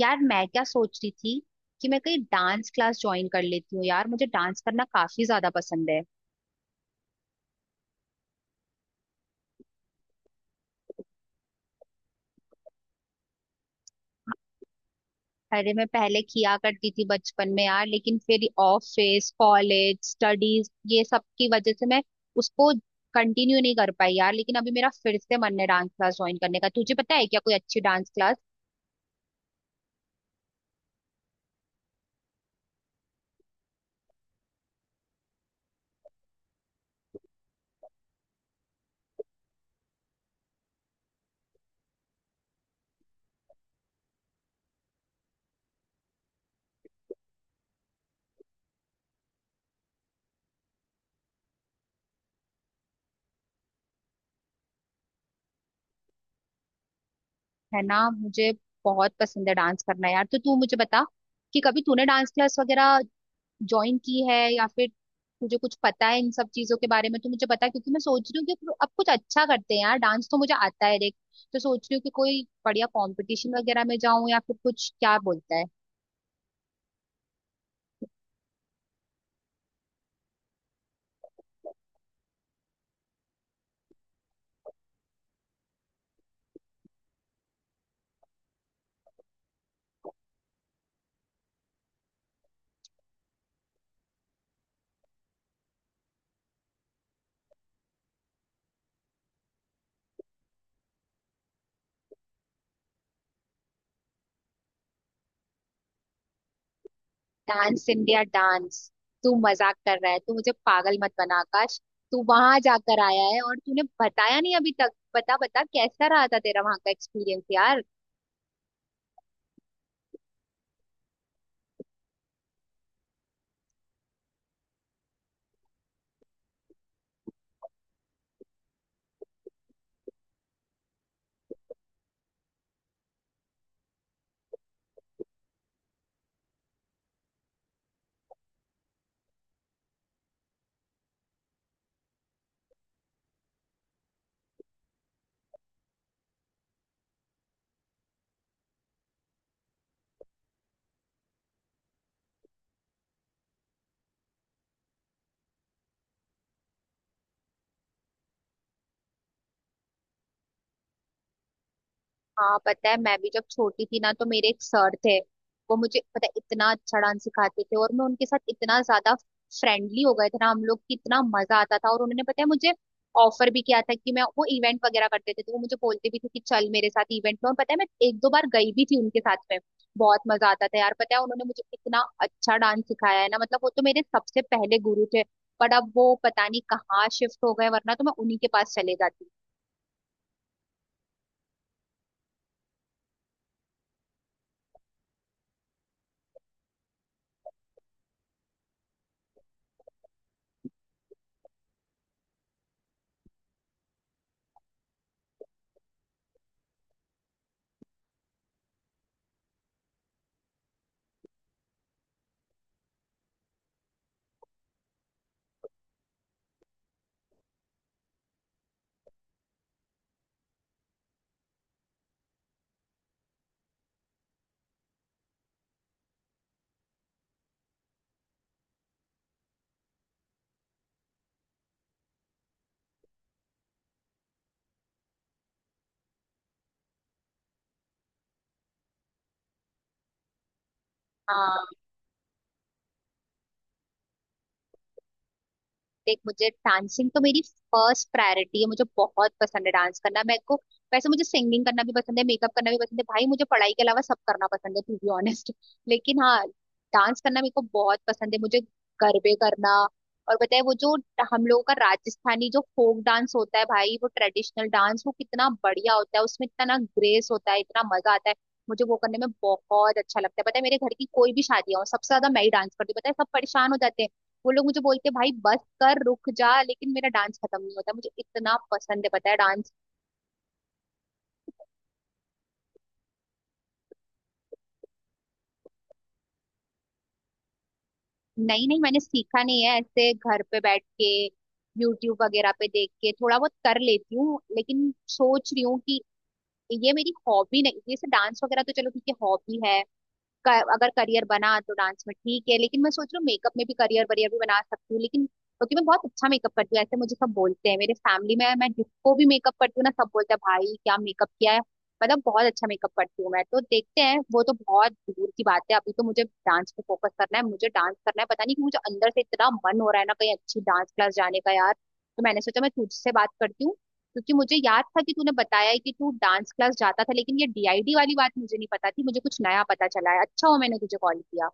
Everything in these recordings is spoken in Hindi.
यार मैं क्या सोच रही थी कि मैं कहीं डांस क्लास ज्वाइन कर लेती हूँ। यार मुझे डांस करना काफी ज्यादा पसंद है। अरे मैं पहले किया करती थी बचपन में यार, लेकिन फिर ऑफिस, कॉलेज, स्टडीज, ये सब की वजह से मैं उसको कंटिन्यू नहीं कर पाई यार। लेकिन अभी मेरा फिर से मन है डांस क्लास ज्वाइन करने का। तुझे पता है क्या कोई अच्छी डांस क्लास? है ना? मुझे बहुत पसंद है डांस करना यार। तो तू मुझे बता कि कभी तूने डांस क्लास वगैरह ज्वाइन की है, या फिर तुझे कुछ पता है इन सब चीजों के बारे में? तो मुझे बता, क्योंकि मैं सोच रही हूँ कि अब कुछ अच्छा करते हैं यार। डांस तो मुझे आता है, देख। तो सोच रही हूँ कि कोई बढ़िया कंपटीशन वगैरह में जाऊं, या फिर कुछ क्या बोलता है, डांस इंडिया डांस। तू मजाक कर रहा है? तू मुझे पागल मत बना आकाश। तू वहां जाकर आया है और तूने बताया नहीं अभी तक? बता बता, कैसा रहा था तेरा वहां का एक्सपीरियंस यार? हाँ पता है, मैं भी जब छोटी थी ना, तो मेरे एक सर थे। वो मुझे पता है इतना अच्छा डांस सिखाते थे, और मैं उनके साथ इतना ज्यादा फ्रेंडली हो गए थे ना हम लोग, कि इतना मजा आता था। और उन्होंने पता है मुझे ऑफर भी किया था, कि मैं वो इवेंट वगैरह करते थे तो वो मुझे बोलते भी थे कि चल मेरे साथ इवेंट में। और पता है मैं एक दो बार गई भी थी उनके साथ में। बहुत मजा आता था यार। पता है उन्होंने मुझे इतना अच्छा डांस सिखाया है ना, मतलब वो तो मेरे सबसे पहले गुरु थे। पर अब वो पता नहीं कहाँ शिफ्ट हो गए, वरना तो मैं उन्हीं के पास चले जाती। हाँ। देख मुझे डांसिंग तो मेरी फर्स्ट प्रायोरिटी है। मुझे बहुत पसंद है डांस करना मेरे को। वैसे मुझे सिंगिंग करना भी पसंद है, मेकअप करना भी पसंद है। भाई मुझे पढ़ाई के अलावा सब करना पसंद है टू बी ऑनेस्ट लेकिन हाँ, डांस करना मेरे को बहुत पसंद है। मुझे गरबे करना, और बताए वो जो हम लोगों का राजस्थानी जो फोक डांस होता है भाई, वो ट्रेडिशनल डांस, वो कितना बढ़िया होता है। उसमें इतना ना ग्रेस होता है, इतना मजा आता है। मुझे वो करने में बहुत अच्छा लगता है। पता है मेरे घर की कोई भी शादी हो, सबसे ज्यादा मैं ही डांस करती हूँ। पता है सब परेशान हो जाते हैं, वो लोग मुझे बोलते भाई बस कर, रुक जा। लेकिन मेरा डांस खत्म नहीं होता, मुझे इतना पसंद है पता है डांस। नहीं नहीं मैंने सीखा नहीं है, ऐसे घर पे बैठ के यूट्यूब वगैरह पे देख के थोड़ा बहुत कर लेती हूँ। लेकिन सोच रही हूँ कि ये मेरी हॉबी नहीं, जैसे डांस वगैरह तो चलो ठीक है हॉबी है। अगर करियर बना तो डांस में ठीक है, लेकिन मैं सोच रही हूँ मेकअप में भी करियर वरियर भी बना सकती हूँ। लेकिन क्योंकि मैं बहुत अच्छा मेकअप करती हूँ, ऐसे मुझे सब बोलते हैं, मेरे फैमिली में मैं जिसको भी मेकअप करती हूँ ना, सब बोलते हैं भाई क्या मेकअप किया है। मतलब बहुत अच्छा मेकअप करती हूँ मैं, तो देखते हैं, वो तो बहुत दूर की बात है। अभी तो मुझे डांस पे फोकस करना है, मुझे डांस करना है। पता नहीं कि मुझे अंदर से इतना मन हो रहा है ना कहीं अच्छी डांस क्लास जाने का यार। तो मैंने सोचा मैं तुझसे बात करती हूँ, क्योंकि मुझे याद था कि तूने बताया है कि तू डांस क्लास जाता था। लेकिन ये डीआईडी वाली बात मुझे नहीं पता थी, मुझे कुछ नया पता चला है। अच्छा हो मैंने तुझे कॉल किया।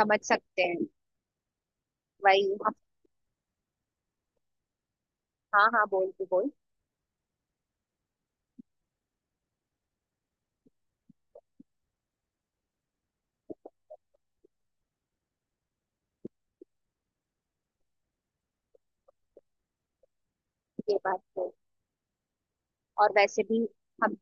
समझ सकते हैं। वही। हाँ हाँ बोल, तू बोल। ये बात तो। और वैसे भी हम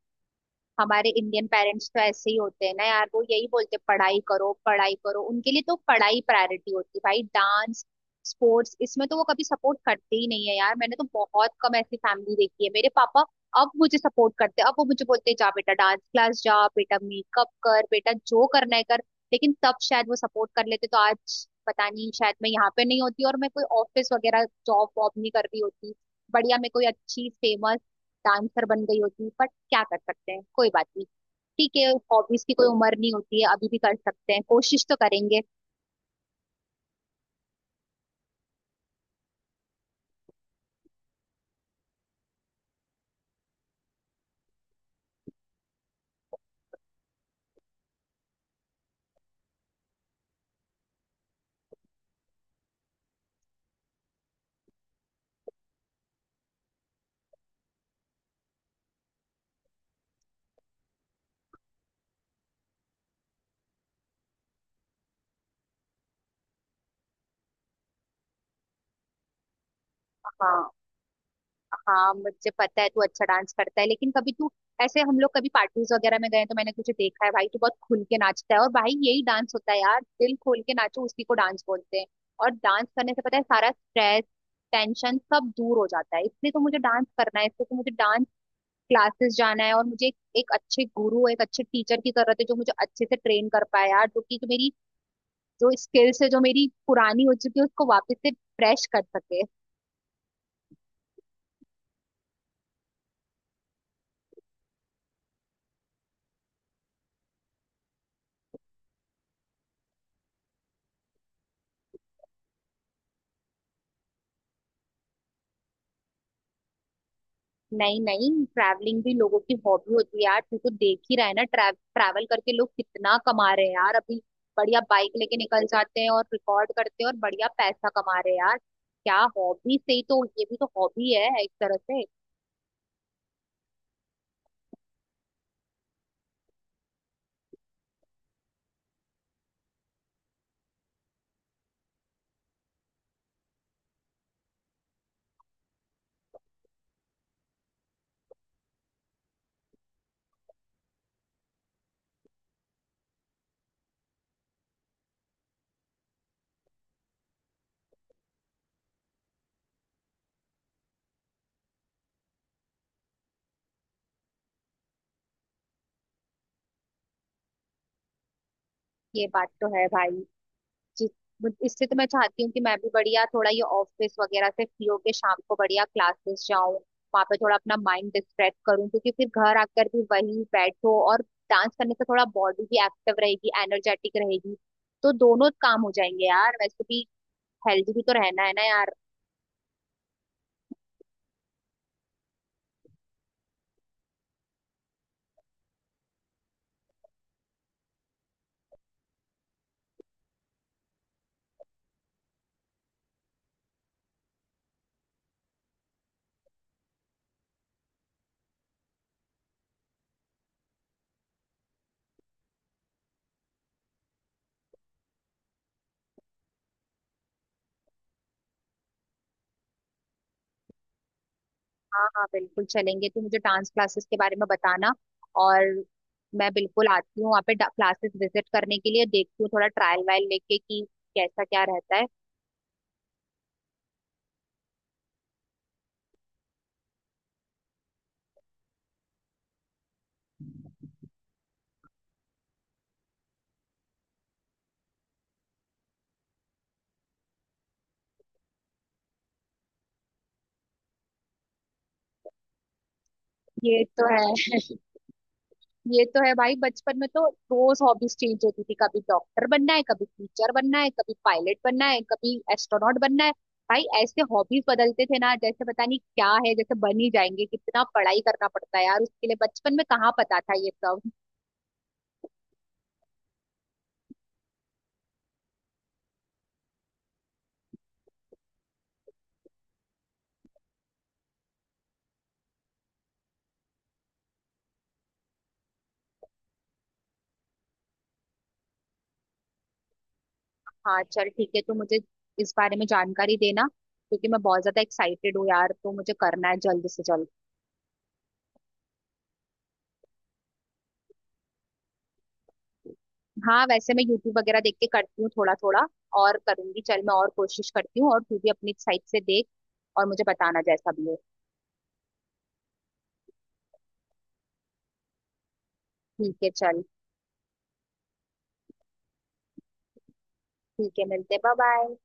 हमारे इंडियन पेरेंट्स तो ऐसे ही होते हैं ना यार। वो यही बोलते हैं, पढ़ाई करो पढ़ाई करो, उनके लिए तो पढ़ाई प्रायोरिटी होती है। भाई डांस, स्पोर्ट्स, इसमें तो वो कभी सपोर्ट करते ही नहीं है यार। मैंने तो बहुत कम ऐसी फैमिली देखी है। मेरे पापा अब मुझे सपोर्ट करते हैं, अब वो मुझे बोलते हैं जा बेटा डांस क्लास जा, बेटा मेकअप कर, बेटा जो करना है कर। लेकिन तब शायद वो सपोर्ट कर लेते तो आज पता नहीं, शायद मैं यहाँ पे नहीं होती और मैं कोई ऑफिस वगैरह जॉब वॉब नहीं कर रही होती। बढ़िया मैं कोई अच्छी फेमस डांसर बन गई होती, पर क्या कर सकते हैं, कोई बात नहीं। ठीक है, हॉबीज की कोई उम्र नहीं होती है, अभी भी कर सकते हैं, कोशिश तो करेंगे। हाँ हाँ मुझे पता है तू अच्छा डांस करता है। लेकिन कभी तू, ऐसे हम लोग कभी पार्टीज वगैरह में गए हैं, तो मैंने तुझे देखा है भाई तू बहुत खुल के नाचता है। और भाई यही डांस होता है यार, दिल खोल के नाचो, उसी को डांस बोलते हैं। और डांस करने से पता है सारा स्ट्रेस, टेंशन सब दूर हो जाता है। इसलिए तो मुझे डांस करना है, इसलिए तो मुझे डांस क्लासेस जाना है। और मुझे एक अच्छे गुरु, एक अच्छे टीचर की जरूरत है, जो मुझे अच्छे से ट्रेन कर पाए यार। जो स्किल्स है जो मेरी पुरानी हो चुकी है उसको वापस से फ्रेश कर सके। नहीं नहीं ट्रैवलिंग भी लोगों की हॉबी होती है यार। तू तो देख ही रहा है ना, ट्रैवल करके लोग कितना कमा रहे हैं यार अभी। बढ़िया बाइक लेके निकल जाते हैं और रिकॉर्ड करते हैं, और बढ़िया पैसा कमा रहे हैं यार, क्या हॉबी से ही। तो ये भी तो हॉबी है एक तरह से। ये बात तो है भाई। जिस बट इससे तो मैं चाहती हूँ कि मैं भी बढ़िया थोड़ा ये ऑफिस वगैरह से फ्री होके शाम को बढ़िया क्लासेस जाऊं, वहां पे थोड़ा अपना माइंड डिस्ट्रैक्ट करूँ, क्योंकि फिर घर आकर भी वही बैठो। और डांस करने से थोड़ा बॉडी भी एक्टिव रहेगी, एनर्जेटिक रहेगी। तो दोनों काम हो जाएंगे यार, वैसे भी हेल्दी भी तो रहना है ना यार। हाँ हाँ बिल्कुल चलेंगे। तो मुझे डांस क्लासेस के बारे में बताना, और मैं बिल्कुल आती हूँ वहाँ पे क्लासेस विजिट करने के लिए। देखती हूँ थोड़ा ट्रायल वायल लेके कि कैसा क्या रहता है। ये तो है, ये तो है भाई। बचपन में तो रोज हॉबीज चेंज होती थी, कभी डॉक्टर बनना है, कभी टीचर बनना है, कभी पायलट बनना है, कभी एस्ट्रोनॉट बनना है। भाई ऐसे हॉबीज बदलते थे ना, जैसे पता नहीं क्या है जैसे बन ही जाएंगे। कितना पढ़ाई करना पड़ता है यार उसके लिए, बचपन में कहाँ पता था ये सब। हाँ चल ठीक है, तो मुझे इस बारे में जानकारी देना, क्योंकि मैं बहुत ज्यादा एक्साइटेड हूँ यार, तो मुझे करना है जल्द से जल्द। हाँ वैसे मैं यूट्यूब वगैरह देख के करती हूँ थोड़ा थोड़ा, और करूंगी। चल मैं और कोशिश करती हूँ, और तू भी अपनी साइड से देख, और मुझे बताना जैसा भी हो। ठीक है चल, ठीक है मिलते, बाय बाय।